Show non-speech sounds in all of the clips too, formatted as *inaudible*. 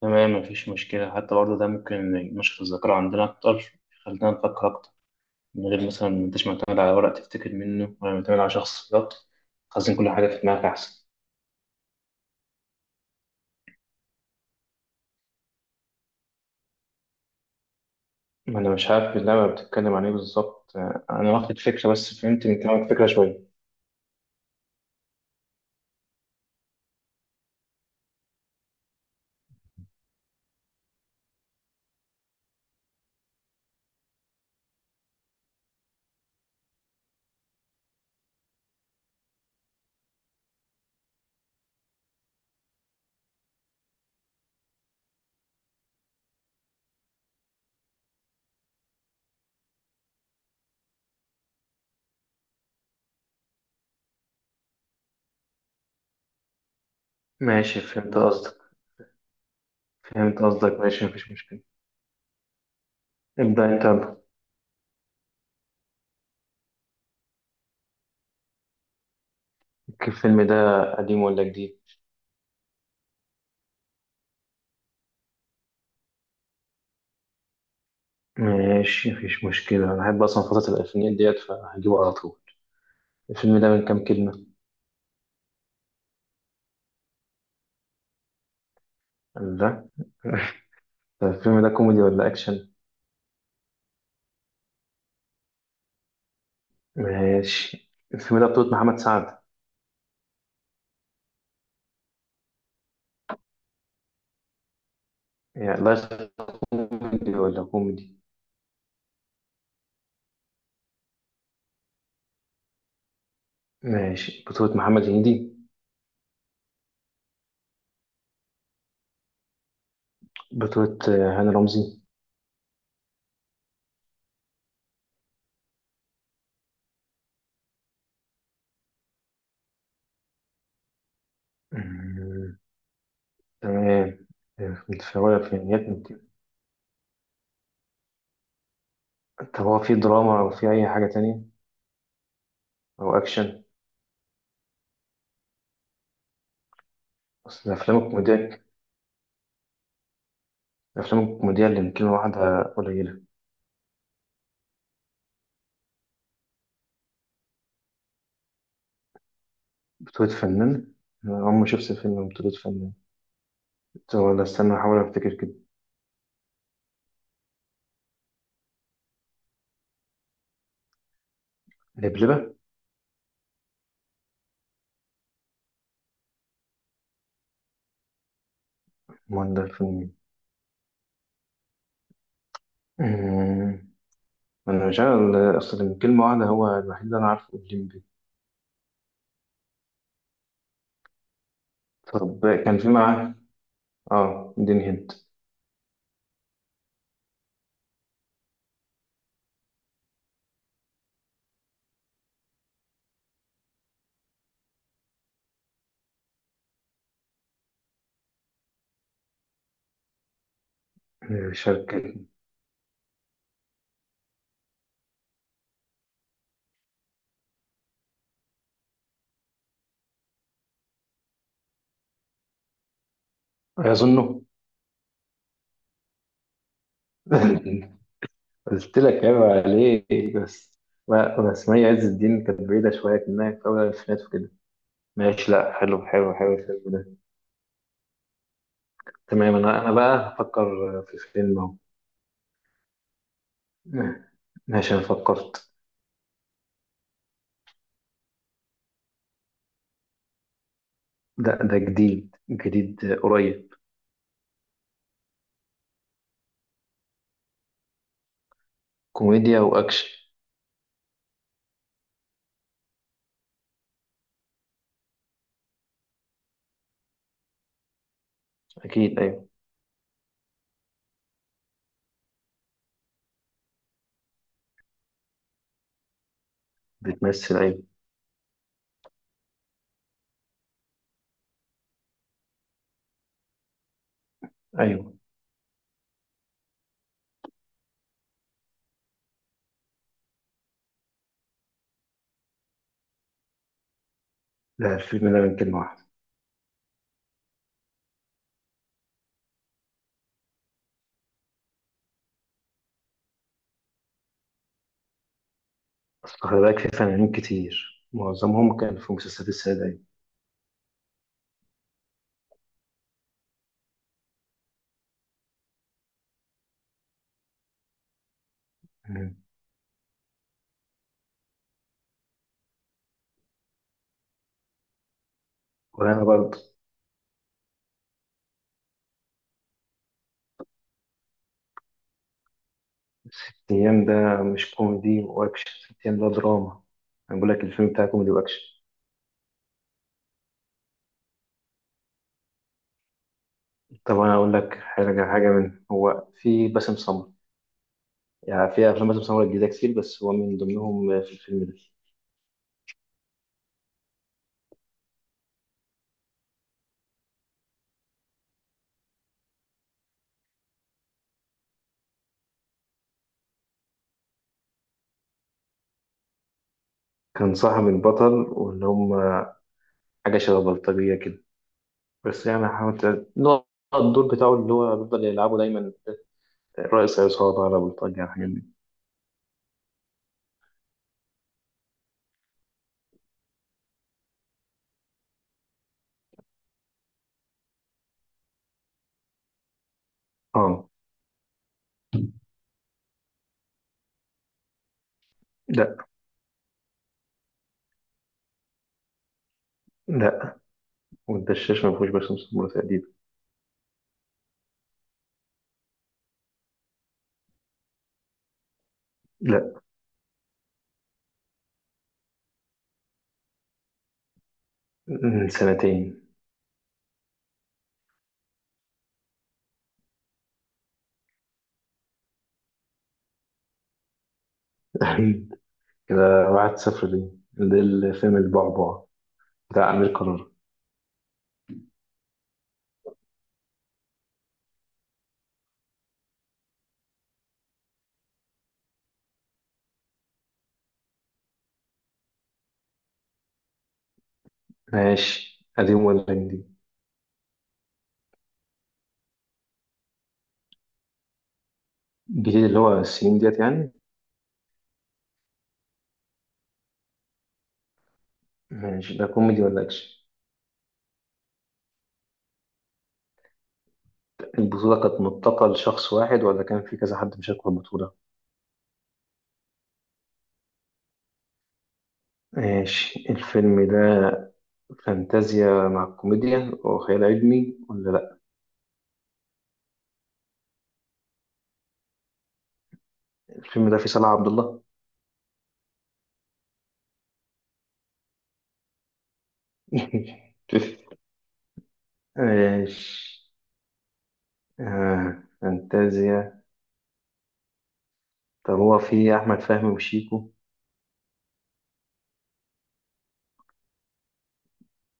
تمام، مفيش مشكلة. حتى برضه ده ممكن ينشط الذاكرة عندنا أكتر، يخلينا نفكر أكتر، من غير مثلا ما أنتش معتمد على ورق تفتكر منه ولا معتمد على شخص بالظبط. خزن كل حاجة في دماغك أحسن. أنا مش عارف اللعبة بتتكلم عن إيه بالظبط. أنا واخد فكرة، بس فهمت من كلامك فكرة شوية. ماشي، فهمت قصدك. ماشي، مفيش مشكلة. ابدأ أنت يلا. الفيلم ده قديم ولا جديد؟ ماشي، مفيش مشكلة. أنا بحب أصلا فترة الألفينيات ديت فهجيبه على طول. الفيلم ده من كام كلمة؟ لا. *laughs* طيب، الفيلم ده كوميدي ولا أكشن؟ ماشي، الفيلم ده بطولة محمد سعد. يعني لا. كوميدي ولا كوميدي؟ ماشي، بطولة محمد هنيدي. بطولة هاني رمزي. مم، تمام. في الفينيات. طب هو في دراما أو في أي حاجة تانية أو أكشن؟ أصل الأفلام الكوميدية اللي يمكن واحدة قليلة. بطولة فنان؟ أنا عمري ما شفت فيلم بطولة فنان. طب ولا استنى أحاول أفتكر كده. لبلبة؟ أمال ده الفيلم مين؟ مم. أنا مش عارف، أصل يمكن كلمة واحدة. هو الوحيد اللي أنا عارفه الليمبي. طب، كان في معاه اديني هنت. شركة؟ أظنه. *laughs* قلت لك عيب عليك بس. لا، بس مي عز الدين كانت بعيدة شوية، كأنها في أول الألفينات وكده. ماشي. لا، حلو حلو حلو الفيلم ده. تمام، أنا بقى هفكر في فيلم أهو. ماشي، أنا فكرت. ده جديد جديد قريب. كوميديا وأكشن. أكيد، أيوه. بتمثل، أيوه. أيوه. لا، الفيلم ده من كلمة واحدة. بس خلي بالك في فنانين كتير، معظمهم كان في مسلسلات السعودية. مم. وأنا برضه. الأيام ده مش كوميدي وأكشن، الأيام ده دراما. أنا بقول لك الفيلم بتاعي كوميدي وأكشن. طب أنا أقول لك حاجة. من هو في باسم سمرة؟ يعني في أفلام باسم سمرة جديدة كتير، بس هو من ضمنهم في الفيلم ده. كان صاحب البطل، واللي هم حاجة شبه بلطجية كده. بس يعني حاولت نوع الدور بتاعه اللي هو بيفضل يلعبه دايما، رئيس عصابة، على بلطجية، على الحاجات دي. اه. لا، لا. والدشاش ما فيهوش باسم سمرة تقريبا. لا، من سنتين. *laughs* كده 1-0 ليه. ده الفيلم البعبع بتاع أمير قرار. ماشي، قديم ولا جديد؟ الجديد اللي هو السنين ديت يعني. ماشي، ده كوميدي ولا أكشن؟ البطولة كانت متقة لشخص واحد ولا كان في كذا حد مشارك في البطولة؟ ماشي، الفيلم ده فانتازيا مع الكوميديا وخيال علمي ولا لأ؟ الفيلم ده فيه صلاح عبد الله؟ *laughs* ماشي. آه. فانتازيا. طب هو في أحمد فهمي وشيكو؟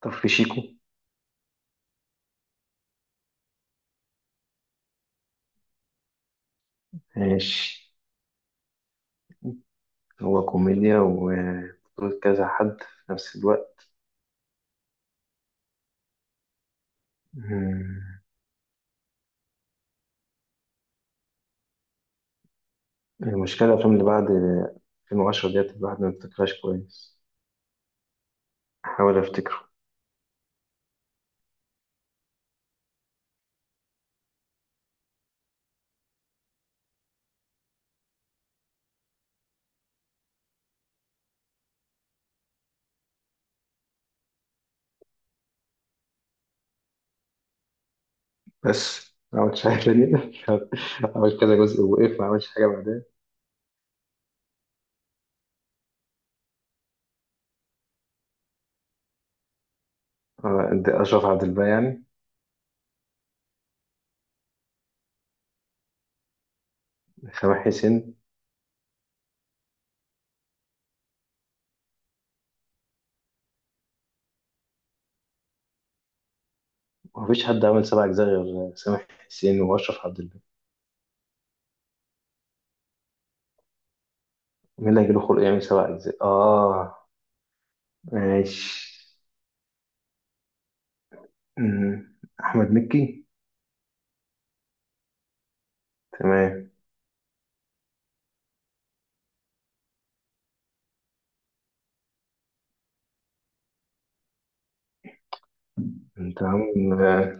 طب في شيكو؟ ماشي. هو كوميديا وبطولة كذا حد في نفس الوقت؟ مم. المشكلة الأفلام اللي بعد 2010 ديت الواحد ما بيفتكرهاش كويس. أحاول أفتكره. بس ما عملتش حاجة تانية. *laughs* عملت كذا جزء ووقف، ما عملتش حاجة بعدها. ده أشرف عبد الباقي يعني. سامح حسين. مفيش حد عمل 7 أجزاء غير سامح حسين وأشرف عبد الباقي. مين اللي هيجيله خلق يعمل 7 أجزاء؟ ماشي. أحمد مكي. تمام. أنت عامل